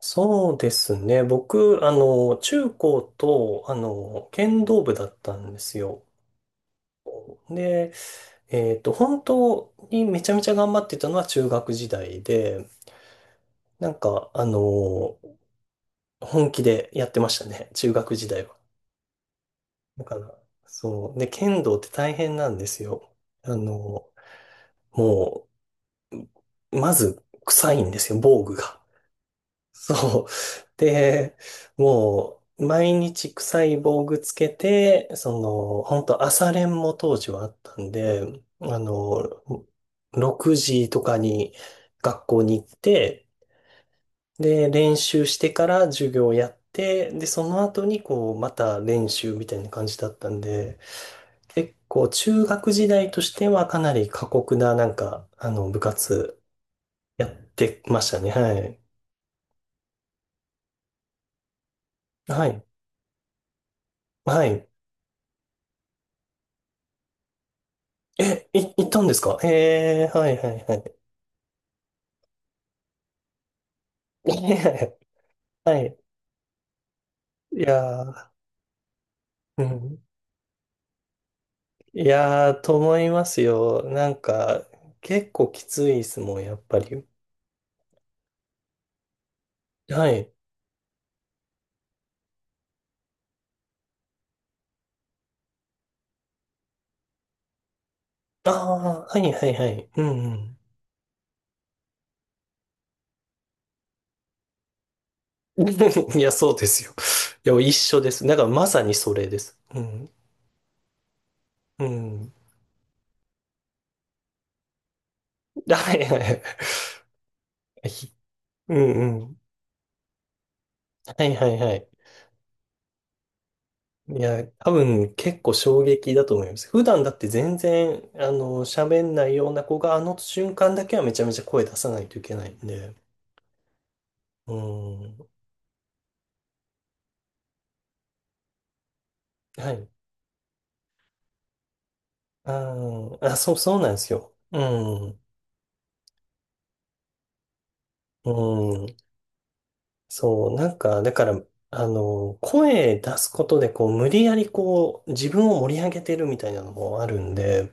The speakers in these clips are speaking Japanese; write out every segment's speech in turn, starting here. そうですね。僕、中高と、剣道部だったんですよ。で、本当にめちゃめちゃ頑張ってたのは中学時代で、なんか、あの、本気でやってましたね。中学時代は。だから、そう。で、剣道って大変なんですよ。あの、もう、まず、臭いんですよ、防具が。そう。で、もう、毎日臭い防具つけて、本当朝練も当時はあったんで、6時とかに学校に行って、で、練習してから授業やって、で、その後にこう、また練習みたいな感じだったんで、結構中学時代としてはかなり過酷な部活やってましたね。はい。はい。はい。え、い、行ったんですか？えー、はいはいはい。はい。いやー、うん。いやー、と思いますよ。なんか、結構きついですもん、やっぱり。はい。ああ、はいはいはい。うんうん。いや、そうですよ。いや、一緒です。だからまさにそれです。うん。うん。はいはいはい。うんうん。はいはいはい。いや、多分結構衝撃だと思います。普段だって全然、喋んないような子が、あの瞬間だけはめちゃめちゃ声出さないといけないんで。うん。はい。あーあ、そう、そうなんですよ。うん。うん。そう、なんか、だから、声出すことで、こう、無理やりこう、自分を盛り上げてるみたいなのもあるんで、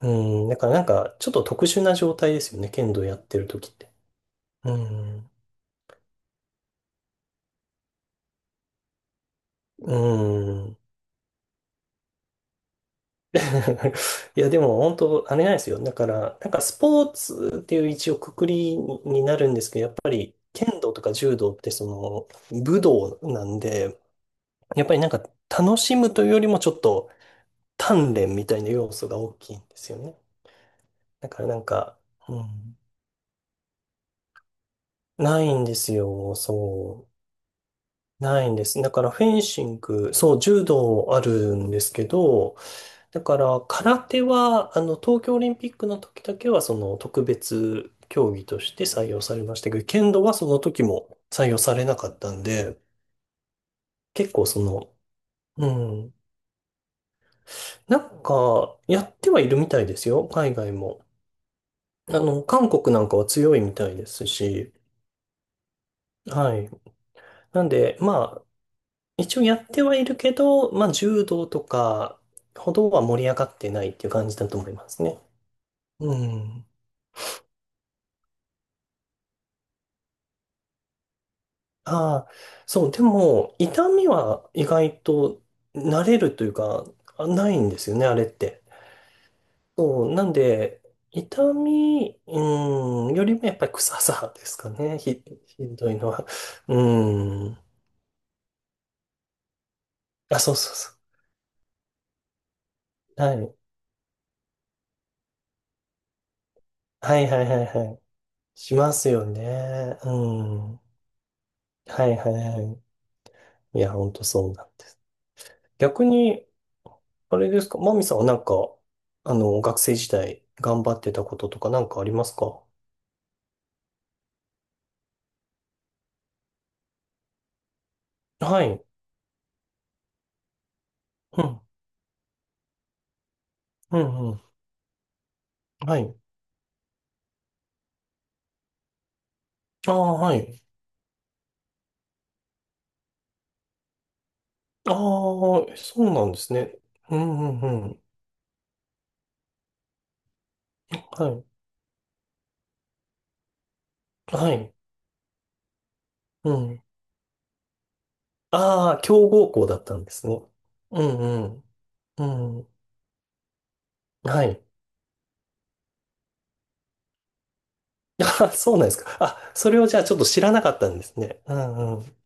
うん。だからなんか、ちょっと特殊な状態ですよね。剣道やってる時って。うん。うん。いや、でも本当、あれなんですよ。だから、なんかスポーツっていう一応くくりになるんですけど、やっぱり剣道とか柔道ってその武道なんで、やっぱりなんか楽しむというよりもちょっと鍛錬みたいな要素が大きいんですよね。だからなんか、うん、ないんですよ。そう。ないんです。だからフェンシング、そう、柔道あるんですけど、だから、空手は、東京オリンピックの時だけは、その、特別競技として採用されましたけど、剣道はその時も採用されなかったんで、結構その、うん、なんか、やってはいるみたいですよ、海外も。韓国なんかは強いみたいですし、はい。なんで、まあ、一応やってはいるけど、まあ、柔道とかほどは盛り上がってないっていう感じだと思いますね。うん。ああ、そう、でも、痛みは意外と慣れるというか、あないんですよね、あれって。そう、なんで、痛み、うん、よりもやっぱり臭さですかね、ひ、ひどいのは。うん。あ、そうそうそう。はい。はいはいはいはい。しますよね。うん。はいはいはい。いや、ほんとそうなんです。逆に、あれですか、マミさんはなんか、学生時代頑張ってたこととかなんかありますか？はい。うん、うん、うん。はい。ああ、はい。ああ、そうなんですね。うん、うん、うん。はい。はい。うん。ああ、強豪校だったんですね。うん、うん、うん。はい。あ、そうなんですか。あ、それをじゃあちょっと知らなかったんですね。うん、うん。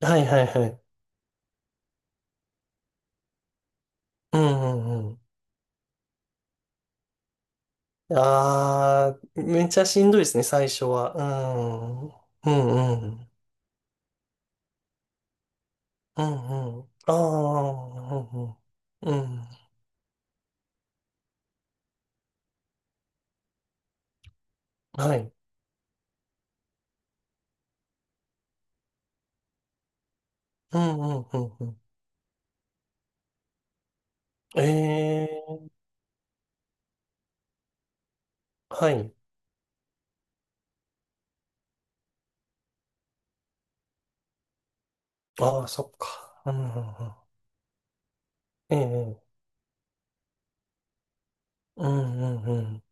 はい、はい、はい。うん、うん、うん。ああ、めっちゃしんどいですね、最初は。うん、うん、うん。うん、うん。ああ、うん、うん。うん。はい。うんうんうんうん。ええ、はい。ああ、そっか。うんうんうん。ええ、うんうん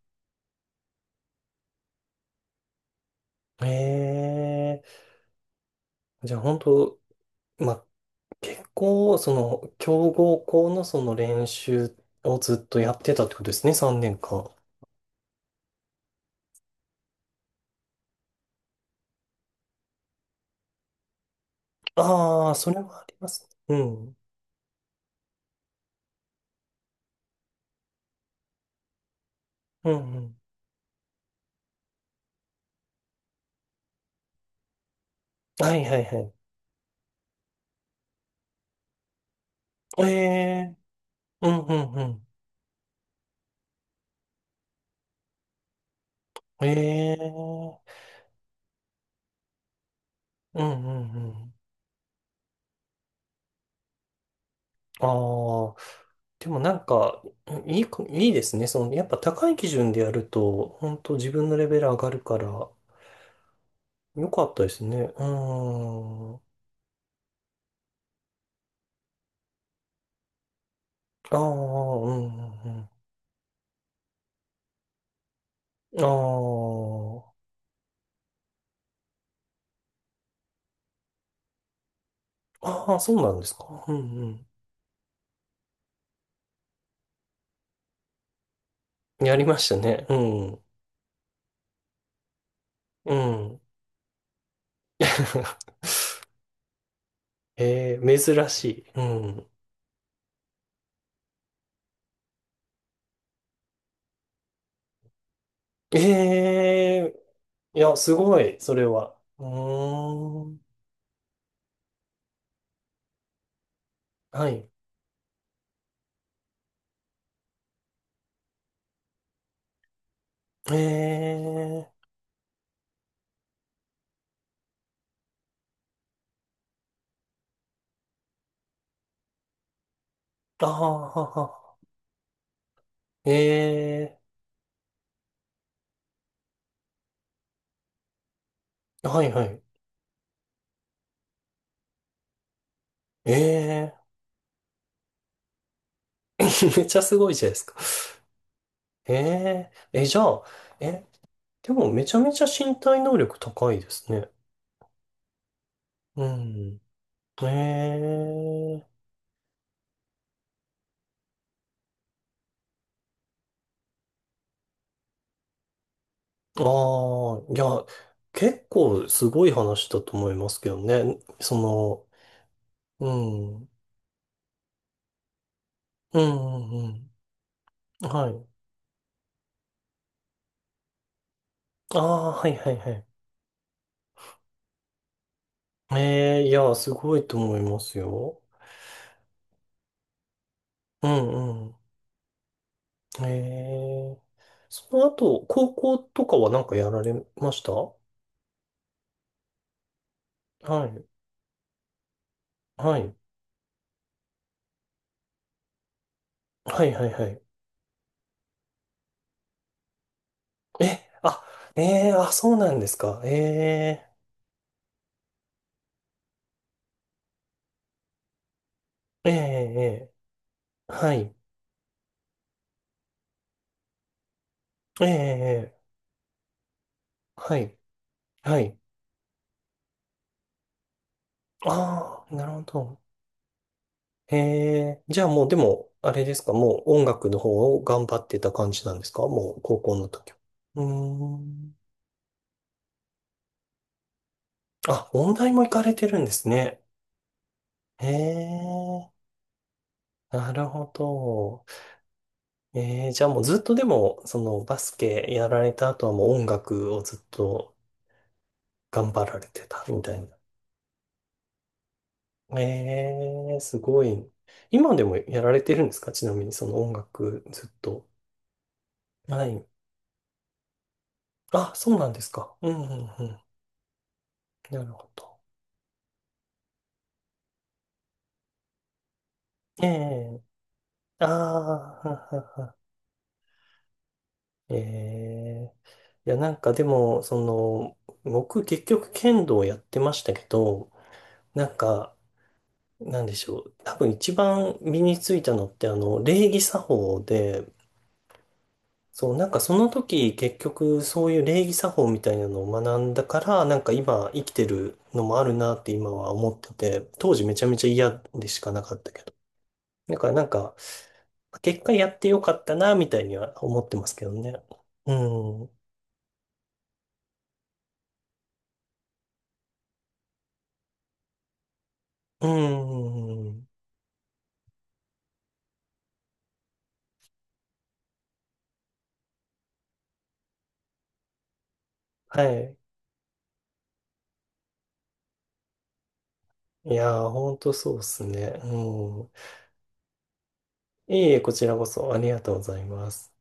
うん。ええ、じゃあ本当、まあ、結構、その、強豪校のその練習をずっとやってたってことですね、3年間。ああ、それはありますね。うん。うんうん。はいはいはい。ええ、うんうんうん。ええ、うんうんうん。ああ、でもなんか、いいこ、いいですね。その、やっぱ高い基準でやると、本当自分のレベル上がるから、よかったですね。うーん。ああ、うん、うんうん。ああ、ああ、そうなんですか。うんうん。やりましたね。うん、うん。えー珍しい。うん。ええいや、すごい、それは。うーん。はい。ええああ、はは。ええはい、はい。ええー めっちゃすごいじゃないですか。ええーえ、じゃあ、え、でもめちゃめちゃ身体能力高いですね。うん。ええーああ、いや、結構すごい話だと思いますけどね。その、うん、うん、うん、うん。はい。ああ、はい、はい、はい。ええいや、すごいと思いますよ。うん、うん。ええその後、高校とかはなんかやられました？はい。はい。はい、はい、はい。え、あ、ええあ、そうなんですか。ええええええはい。ええええはい。はい。ああ、なるほど。ええじゃあもう、でも、あれですか、もう音楽の方を頑張ってた感じなんですか？もう、高校の時は。うーん。あ、音大も行かれてるんですね。ええなるほど。ええじゃあもうずっとでも、そのバスケやられた後はもう音楽をずっと頑張られてたみたいな。ええ、すごい。今でもやられてるんですか？ちなみにその音楽ずっと。はい。あ、そうなんですか。うんうんうん。なるほど。ええ。ああ、ははは。ええ。いや、なんかでも、その、僕結局剣道をやってましたけど、なんか、なんでしょう。多分一番身についたのって、礼儀作法で、そう、なんかその時結局そういう礼儀作法みたいなのを学んだから、なんか今生きてるのもあるなって今は思ってて、当時めちゃめちゃ嫌でしかなかったけど。だからなんか、結果やってよかったなみたいには思ってますけどね。うん。うん。はい。いやー、ほんとそうっすね。うん。いえいえ、こちらこそありがとうございます。